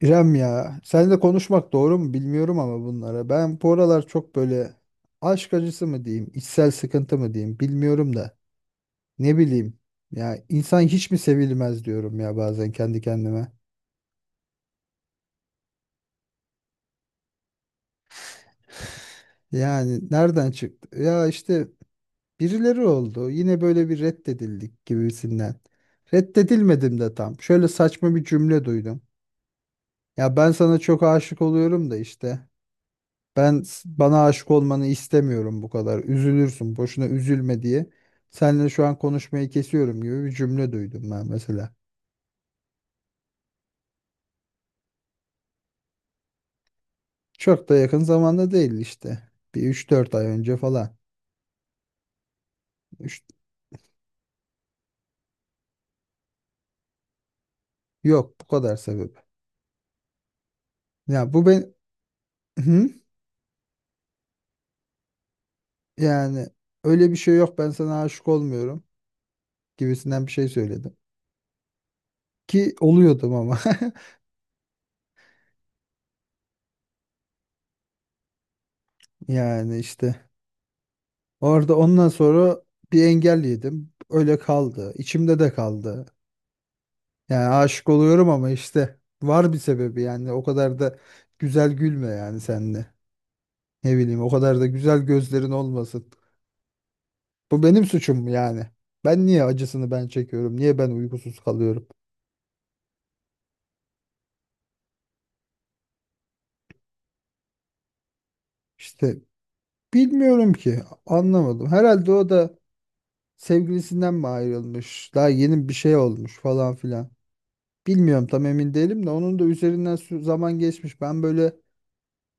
İrem ya, seninle konuşmak doğru mu bilmiyorum ama bunlara. Ben bu aralar çok böyle aşk acısı mı diyeyim, içsel sıkıntı mı diyeyim bilmiyorum da. Ne bileyim ya, insan hiç mi sevilmez diyorum ya bazen kendi kendime. Yani nereden çıktı? Ya işte birileri oldu. Yine böyle bir reddedildik gibisinden. Reddedilmedim de tam. Şöyle saçma bir cümle duydum. Ya ben sana çok aşık oluyorum da işte. Bana aşık olmanı istemiyorum bu kadar. Üzülürsün. Boşuna üzülme diye. Seninle şu an konuşmayı kesiyorum gibi bir cümle duydum ben mesela. Çok da yakın zamanda değil işte. Bir üç dört ay önce falan. Üç- Yok, bu kadar sebep. Ya bu ben. Hı? Yani öyle bir şey yok, ben sana aşık olmuyorum gibisinden bir şey söyledim. Ki oluyordum ama. Yani işte orada ondan sonra bir engel yedim. Öyle kaldı. İçimde de kaldı. Yani aşık oluyorum ama işte var bir sebebi, yani o kadar da güzel gülme yani senle. Ne bileyim, o kadar da güzel gözlerin olmasın. Bu benim suçum mu yani? Ben niye acısını ben çekiyorum? Niye ben uykusuz kalıyorum? İşte bilmiyorum ki, anlamadım. Herhalde o da sevgilisinden mi ayrılmış? Daha yeni bir şey olmuş falan filan. Bilmiyorum, tam emin değilim de onun da üzerinden zaman geçmiş. Ben böyle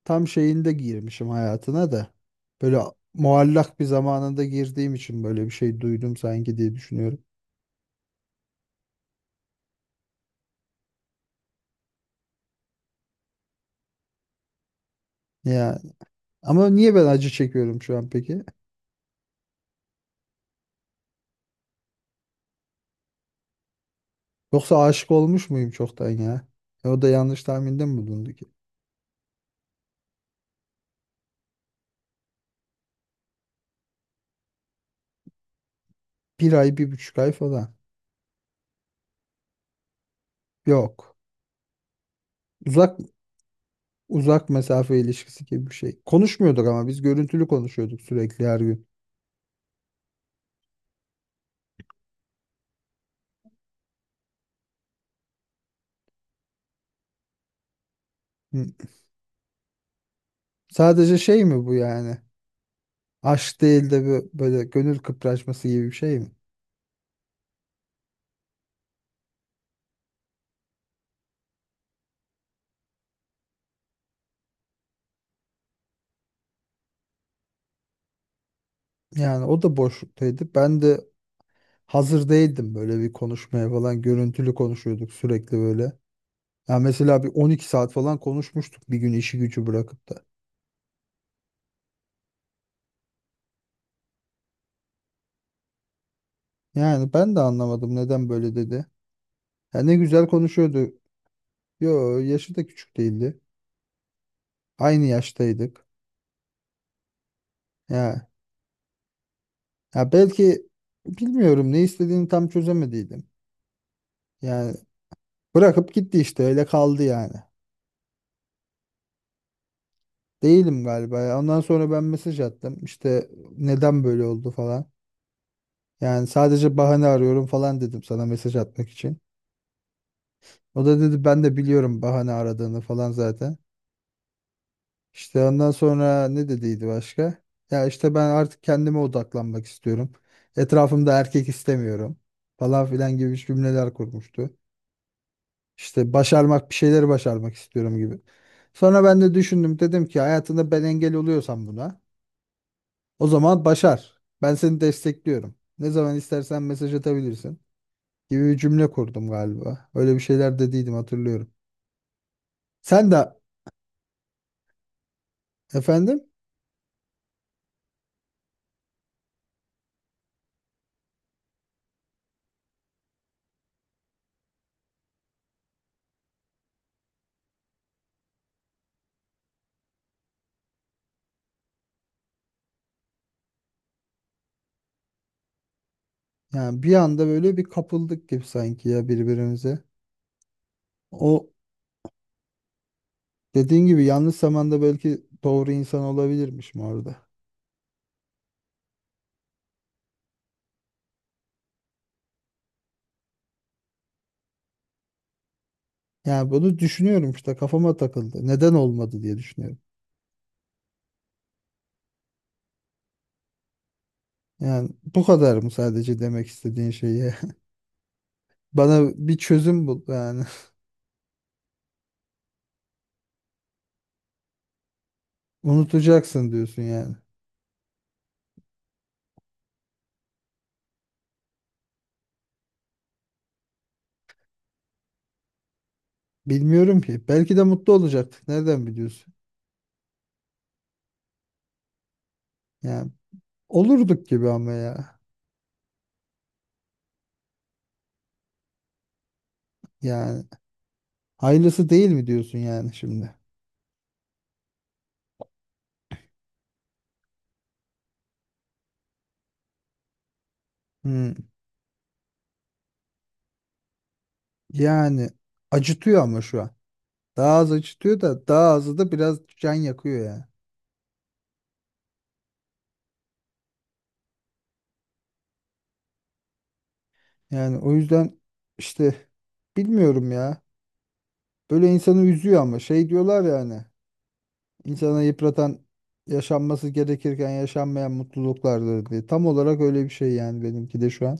tam şeyinde girmişim hayatına da. Böyle muallak bir zamanında girdiğim için böyle bir şey duydum sanki diye düşünüyorum. Ya ama niye ben acı çekiyorum şu an peki? Yoksa aşık olmuş muyum çoktan ya? E, o da yanlış tahminde mi bulundu ki? Bir ay, bir buçuk ay falan. Yok. Uzak, mesafe ilişkisi gibi bir şey. Konuşmuyorduk ama, biz görüntülü konuşuyorduk sürekli her gün. Hı. Sadece şey mi bu yani? Aşk değil de böyle gönül kıpraşması gibi bir şey mi? Yani o da boşluktaydı. Ben de hazır değildim böyle bir konuşmaya falan. Görüntülü konuşuyorduk sürekli böyle. Ya mesela bir 12 saat falan konuşmuştuk bir gün, işi gücü bırakıp da. Yani ben de anlamadım neden böyle dedi. Ya ne güzel konuşuyordu. Yo, yaşı da küçük değildi. Aynı yaştaydık. Ya, ya belki bilmiyorum, ne istediğini tam çözemediydim. Yani bırakıp gitti işte, öyle kaldı yani. Değilim galiba ya. Ondan sonra ben mesaj attım. İşte neden böyle oldu falan. Yani sadece bahane arıyorum falan dedim sana mesaj atmak için. O da dedi ben de biliyorum bahane aradığını falan zaten. İşte ondan sonra ne dediydi başka? Ya işte ben artık kendime odaklanmak istiyorum. Etrafımda erkek istemiyorum falan filan gibi cümleler kurmuştu. İşte başarmak, bir şeyleri başarmak istiyorum gibi. Sonra ben de düşündüm, dedim ki hayatında ben engel oluyorsam buna, o zaman başar. Ben seni destekliyorum. Ne zaman istersen mesaj atabilirsin gibi bir cümle kurdum galiba. Öyle bir şeyler dediydim, hatırlıyorum. Sen de efendim. Yani bir anda böyle bir kapıldık gibi sanki ya birbirimize. O dediğin gibi yanlış zamanda belki doğru insan olabilirmişim orada. Yani bunu düşünüyorum işte, kafama takıldı. Neden olmadı diye düşünüyorum. Yani bu kadar mı sadece demek istediğin şeyi? Bana bir çözüm bul yani. Unutacaksın diyorsun yani. Bilmiyorum ki. Belki de mutlu olacaktık. Nereden biliyorsun? Yani olurduk gibi ama ya. Yani hayırlısı değil mi diyorsun yani şimdi? Hmm. Yani acıtıyor ama şu an. Daha az acıtıyor da daha azı da biraz can yakıyor yani. Yani o yüzden işte bilmiyorum ya. Böyle insanı üzüyor ama şey diyorlar yani. İnsana yıpratan yaşanması gerekirken yaşanmayan mutluluklardır diye. Tam olarak öyle bir şey yani, benimki de şu an.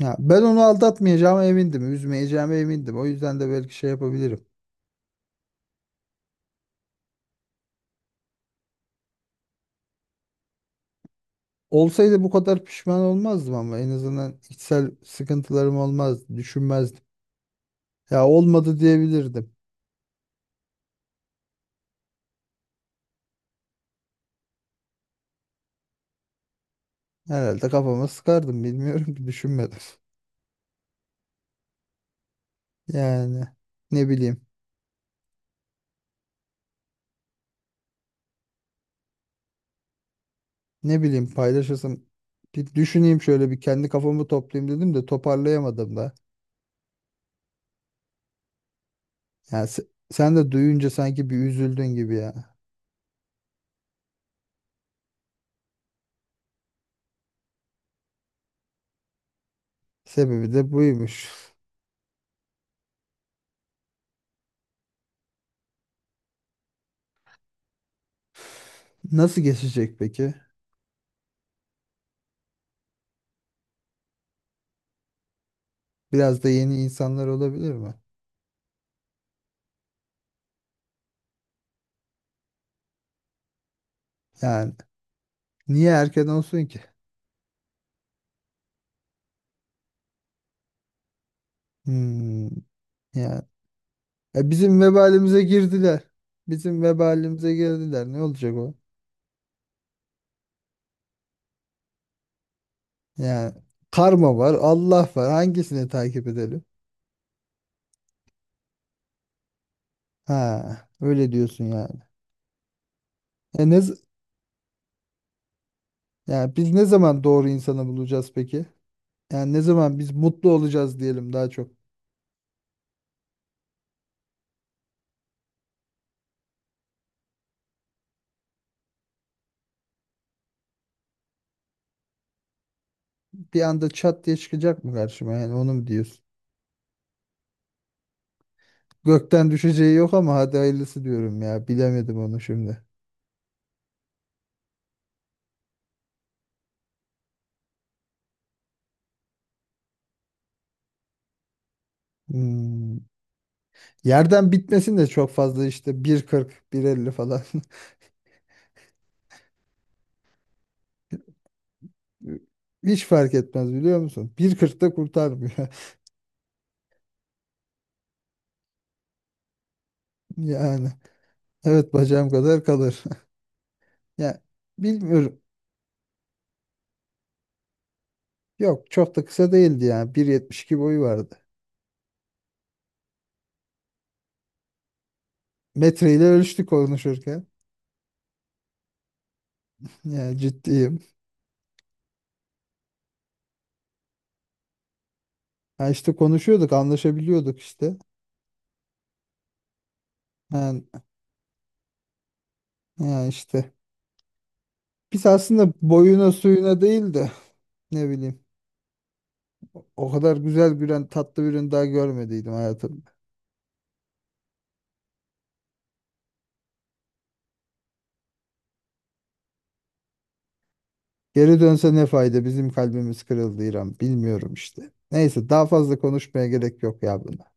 Ya ben onu aldatmayacağıma emindim, üzmeyeceğime emindim. O yüzden de belki şey yapabilirim. Olsaydı bu kadar pişman olmazdım, ama en azından içsel sıkıntılarım olmazdı, düşünmezdim. Ya olmadı diyebilirdim. Herhalde kafama sıkardım, bilmiyorum ki, düşünmedim. Yani ne bileyim, ne bileyim paylaşasım. Bir düşüneyim, şöyle bir kendi kafamı toplayayım dedim de toparlayamadım da. Yani sen de duyunca sanki bir üzüldün gibi ya. Sebebi de buymuş. Nasıl geçecek peki? Biraz da yeni insanlar olabilir mi? Yani niye erken olsun ki? Hmm. Yani, ya bizim vebalimize girdiler. Bizim vebalimize girdiler. Ne olacak o? Yani karma var, Allah var. Hangisini takip edelim? Ha, öyle diyorsun yani. E ne, z- Yani biz ne zaman doğru insanı bulacağız peki? Yani ne zaman biz mutlu olacağız diyelim daha çok. Bir anda çat diye çıkacak mı karşıma, yani onu mu diyorsun? Gökten düşeceği yok ama hadi hayırlısı diyorum ya. Bilemedim onu şimdi. Hmm. Yerden bitmesin de çok fazla, işte 1,40, 1,50 falan. Hiç fark etmez biliyor musun? 1,40'ta kurtarmıyor. Yani evet, bacağım kadar kalır. Ya bilmiyorum. Yok, çok da kısa değildi yani. 1,72 boyu vardı. Metreyle ölçtük konuşurken. Yani ciddiyim. Ha işte konuşuyorduk, anlaşabiliyorduk işte. Yani, yani işte. Biz aslında boyuna suyuna değil de, ne bileyim. O kadar güzel, bir tatlı bir ürün daha görmediydim hayatım. Geri dönse ne fayda? Bizim kalbimiz kırıldı İrem. Bilmiyorum işte. Neyse, daha fazla konuşmaya gerek yok ya buna.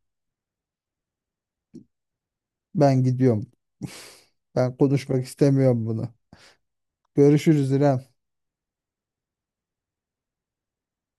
Ben gidiyorum. Ben konuşmak istemiyorum bunu. Görüşürüz İrem.